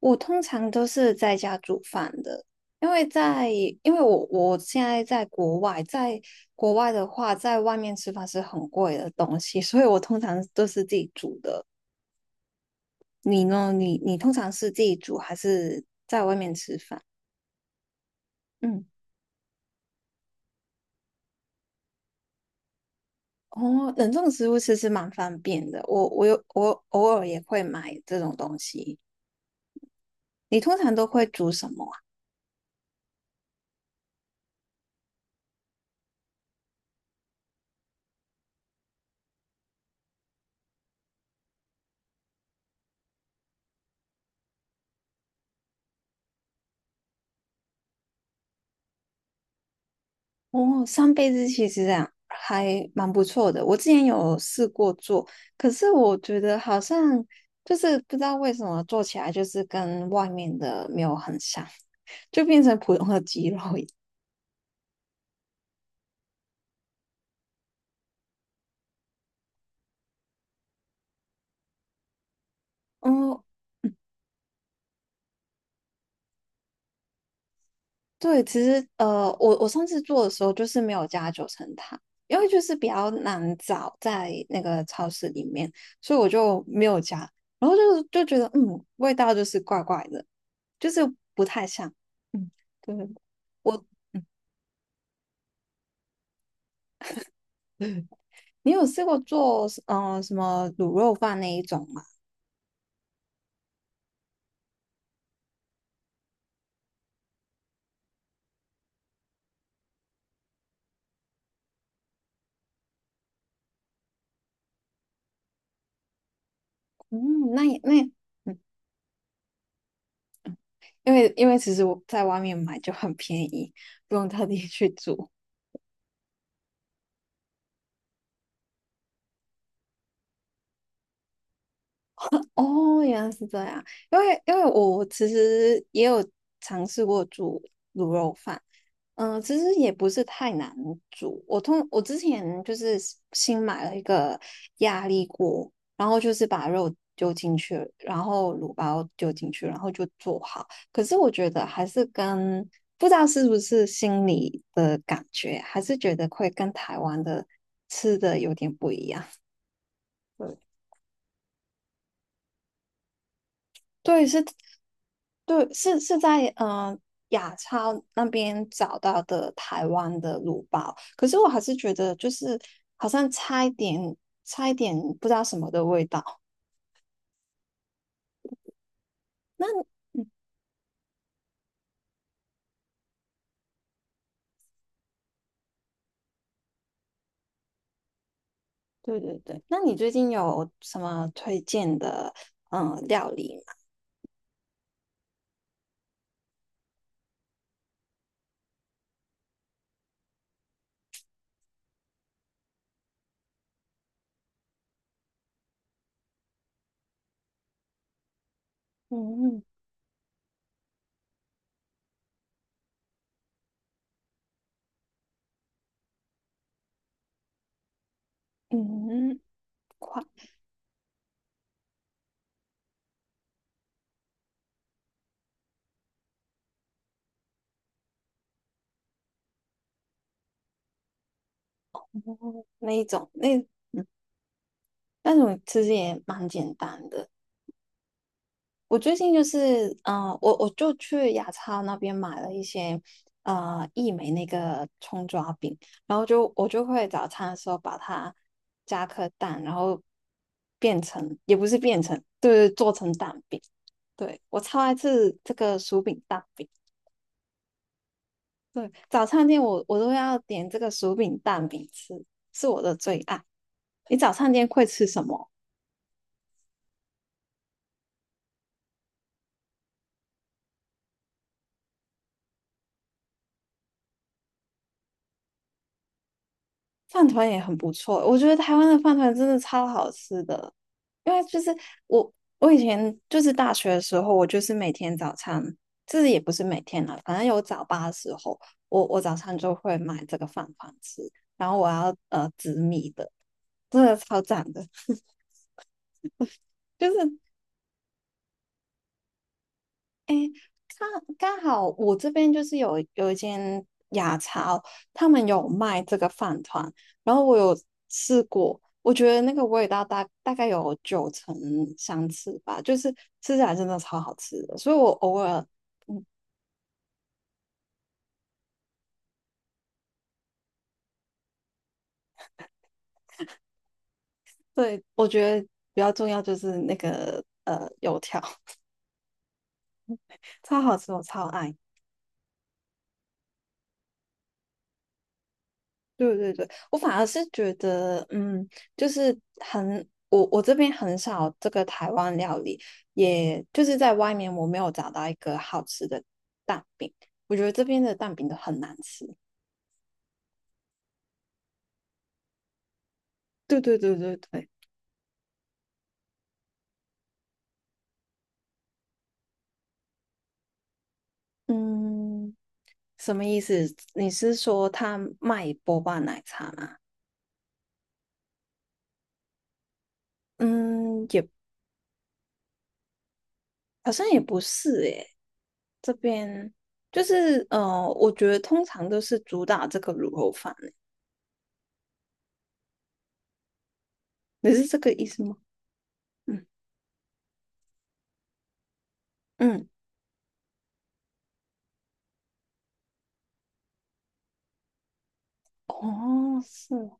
我通常都是在家煮饭的，因为在因为我现在在国外，在国外的话，在外面吃饭是很贵的东西，所以我通常都是自己煮的。你呢？你通常是自己煮还是嗯。哦，冷冻食物其实蛮方便的。我偶尔也会买这种东西。你通常都会煮什么？哦，上辈子其实啊还蛮不错的。我之前有试过做，可是我觉得好像就是不知道为什么做起来就是跟外面的没有很像，就变成普通的鸡肉一样。哦，对，其实我上次做的时候就是没有加九层塔，因为就是比较难找在那个超市里面，所以我就没有加。然后就觉得嗯，味道就是怪怪的，就是不太像。嗯，对，我嗯，你有试过做什么卤肉饭那一种吗？嗯，那也嗯，因为其实我在外面买就很便宜，不用特地去煮。哦，原来是这样。因为我其实也有尝试过煮卤肉饭，嗯、其实也不是太难煮。我之前就是新买了一个压力锅，然后就是把肉丢进去，然后卤包丢进去，然后就做好。可是我觉得还是跟不知道是不是心里的感觉，还是觉得会跟台湾的吃的有点不一样。对，对，在嗯、雅超那边找到的台湾的卤包，可是我还是觉得就是好像差一点，差一点不知道什么的味道。那嗯，对对对，那你最近有什么推荐的料理吗？嗯嗯，快那一种那那种其实也蛮简单的，我最近就是，我就去雅超那边买了一些，呃，益美那个葱抓饼，然后我就会早餐的时候把它加颗蛋，然后变成，也不是变成，对，做成蛋饼。对，我超爱吃这个薯饼蛋饼，对，早餐店我都要点这个薯饼蛋饼吃，是我的最爱。你早餐店会吃什么？饭团也很不错，我觉得台湾的饭团真的超好吃的。因为就是我，我以前就是大学的时候，我就是每天早餐，就是也不是每天啦，反正有早八的时候，我早餐就会买这个饭团吃，然后我要紫米的，真的超赞的，就是刚刚好我这边就是有一间雅超，他们有卖这个饭团，然后我有试过，我觉得那个味道大概有九成相似吧，就是吃起来真的超好吃的，所以我偶尔，嗯，对，我觉得比较重要就是那个油条，超好吃，我超爱。对对对，我反而是觉得，嗯，就是很，我这边很少这个台湾料理，也就是在外面我没有找到一个好吃的蛋饼，我觉得这边的蛋饼都很难吃。对对对对对，嗯，什么意思？你是说他卖波霸奶茶吗？嗯，也好像也不是诶，这边就是我觉得通常都是主打这个卤肉饭，你是这个意思吗？嗯。嗯。哦，是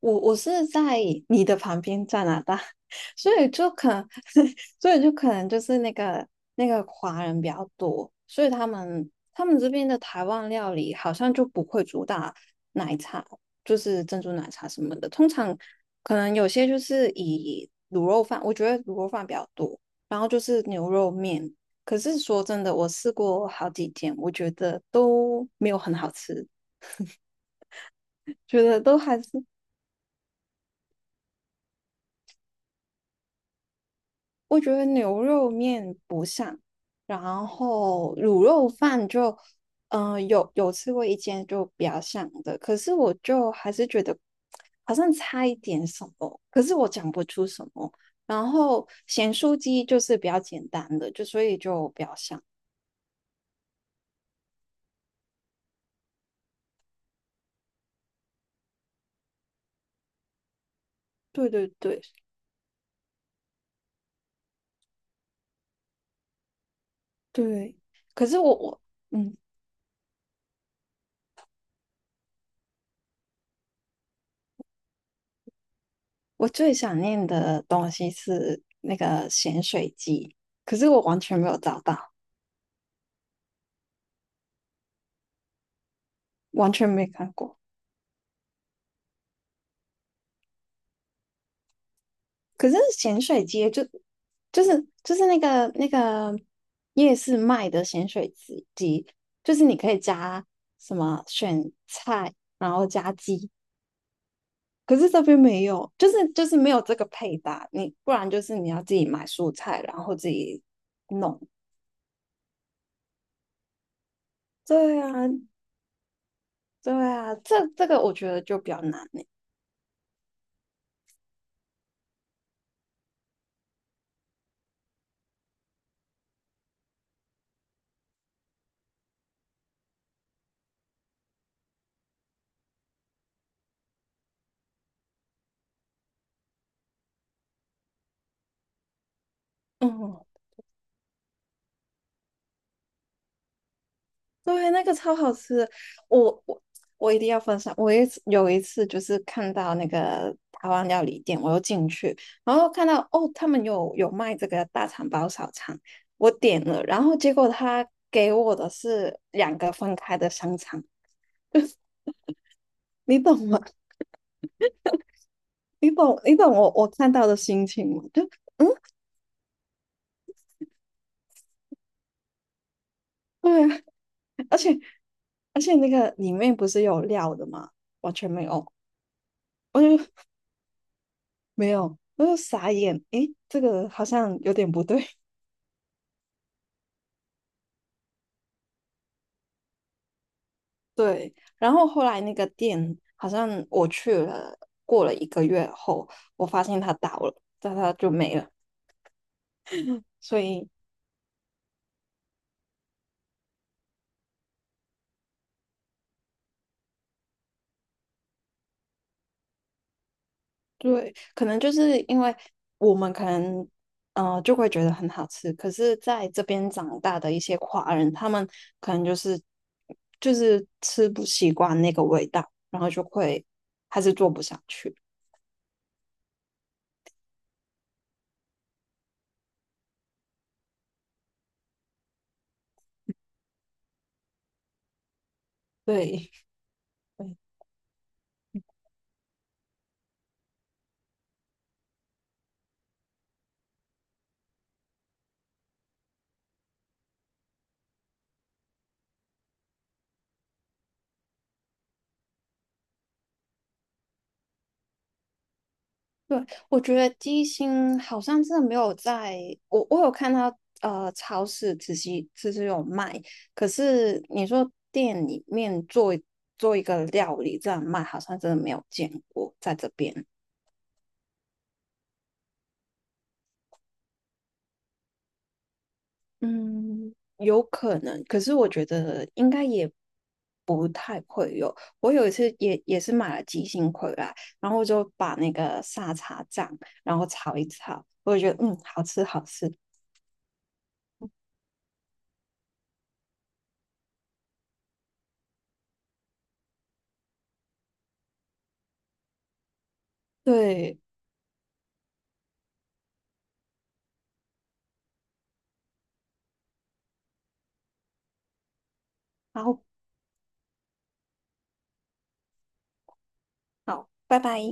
我，我是在你的旁边加拿大，所以就可能，所以就可能就是那个华人比较多，所以他们这边的台湾料理好像就不会主打奶茶，就是珍珠奶茶什么的，通常可能有些就是以卤肉饭，我觉得卤肉饭比较多，然后就是牛肉面。可是说真的，我试过好几间，我觉得都没有很好吃。觉得都还是我觉得牛肉面不像，然后卤肉饭就，嗯、有有吃过一间就比较像的，可是我就还是觉得好像差一点什么，可是我讲不出什么。然后咸酥鸡就是比较简单的，就所以就比较像。对对对对，可是我嗯，我最想念的东西是那个咸水鸡，可是我完全没有找到，完全没看过。可是咸水鸡就就是那个夜市卖的咸水鸡鸡，就是你可以加什么选菜，然后加鸡。可是这边没有，就是没有这个配搭，你不然就是你要自己买蔬菜，然后自己弄。对啊，对啊，这个我觉得就比较难呢。嗯。对，那个超好吃，我我我一定要分享。我一次有一次就是看到那个台湾料理店，我又进去，然后看到哦，他们有卖这个大肠包小肠，我点了，然后结果他给我的是两个分开的香肠，你懂吗？你懂我看到的心情吗？就对啊，而且而且那个里面不是有料的吗？完全没有，我就没有，我就傻眼，诶，这个好像有点不对。对，然后后来那个店好像我去了，过了一个月后，我发现它倒了，但它就没了。所以对，可能就是因为我们可能就会觉得很好吃，可是在这边长大的一些华人，他们可能就是吃不习惯那个味道，然后就会还是做不下去。对，对，我觉得低心好像真的没有在，我我有看到超市只是有卖，可是你说店里面做一个料理这样卖，好像真的没有见过在这边。嗯，有可能，可是我觉得应该也不太会有。我有一次也是买了鸡心回来，然后我就把那个沙茶酱，然后炒一炒，我就觉得嗯好吃好吃，对。然后。好，拜拜。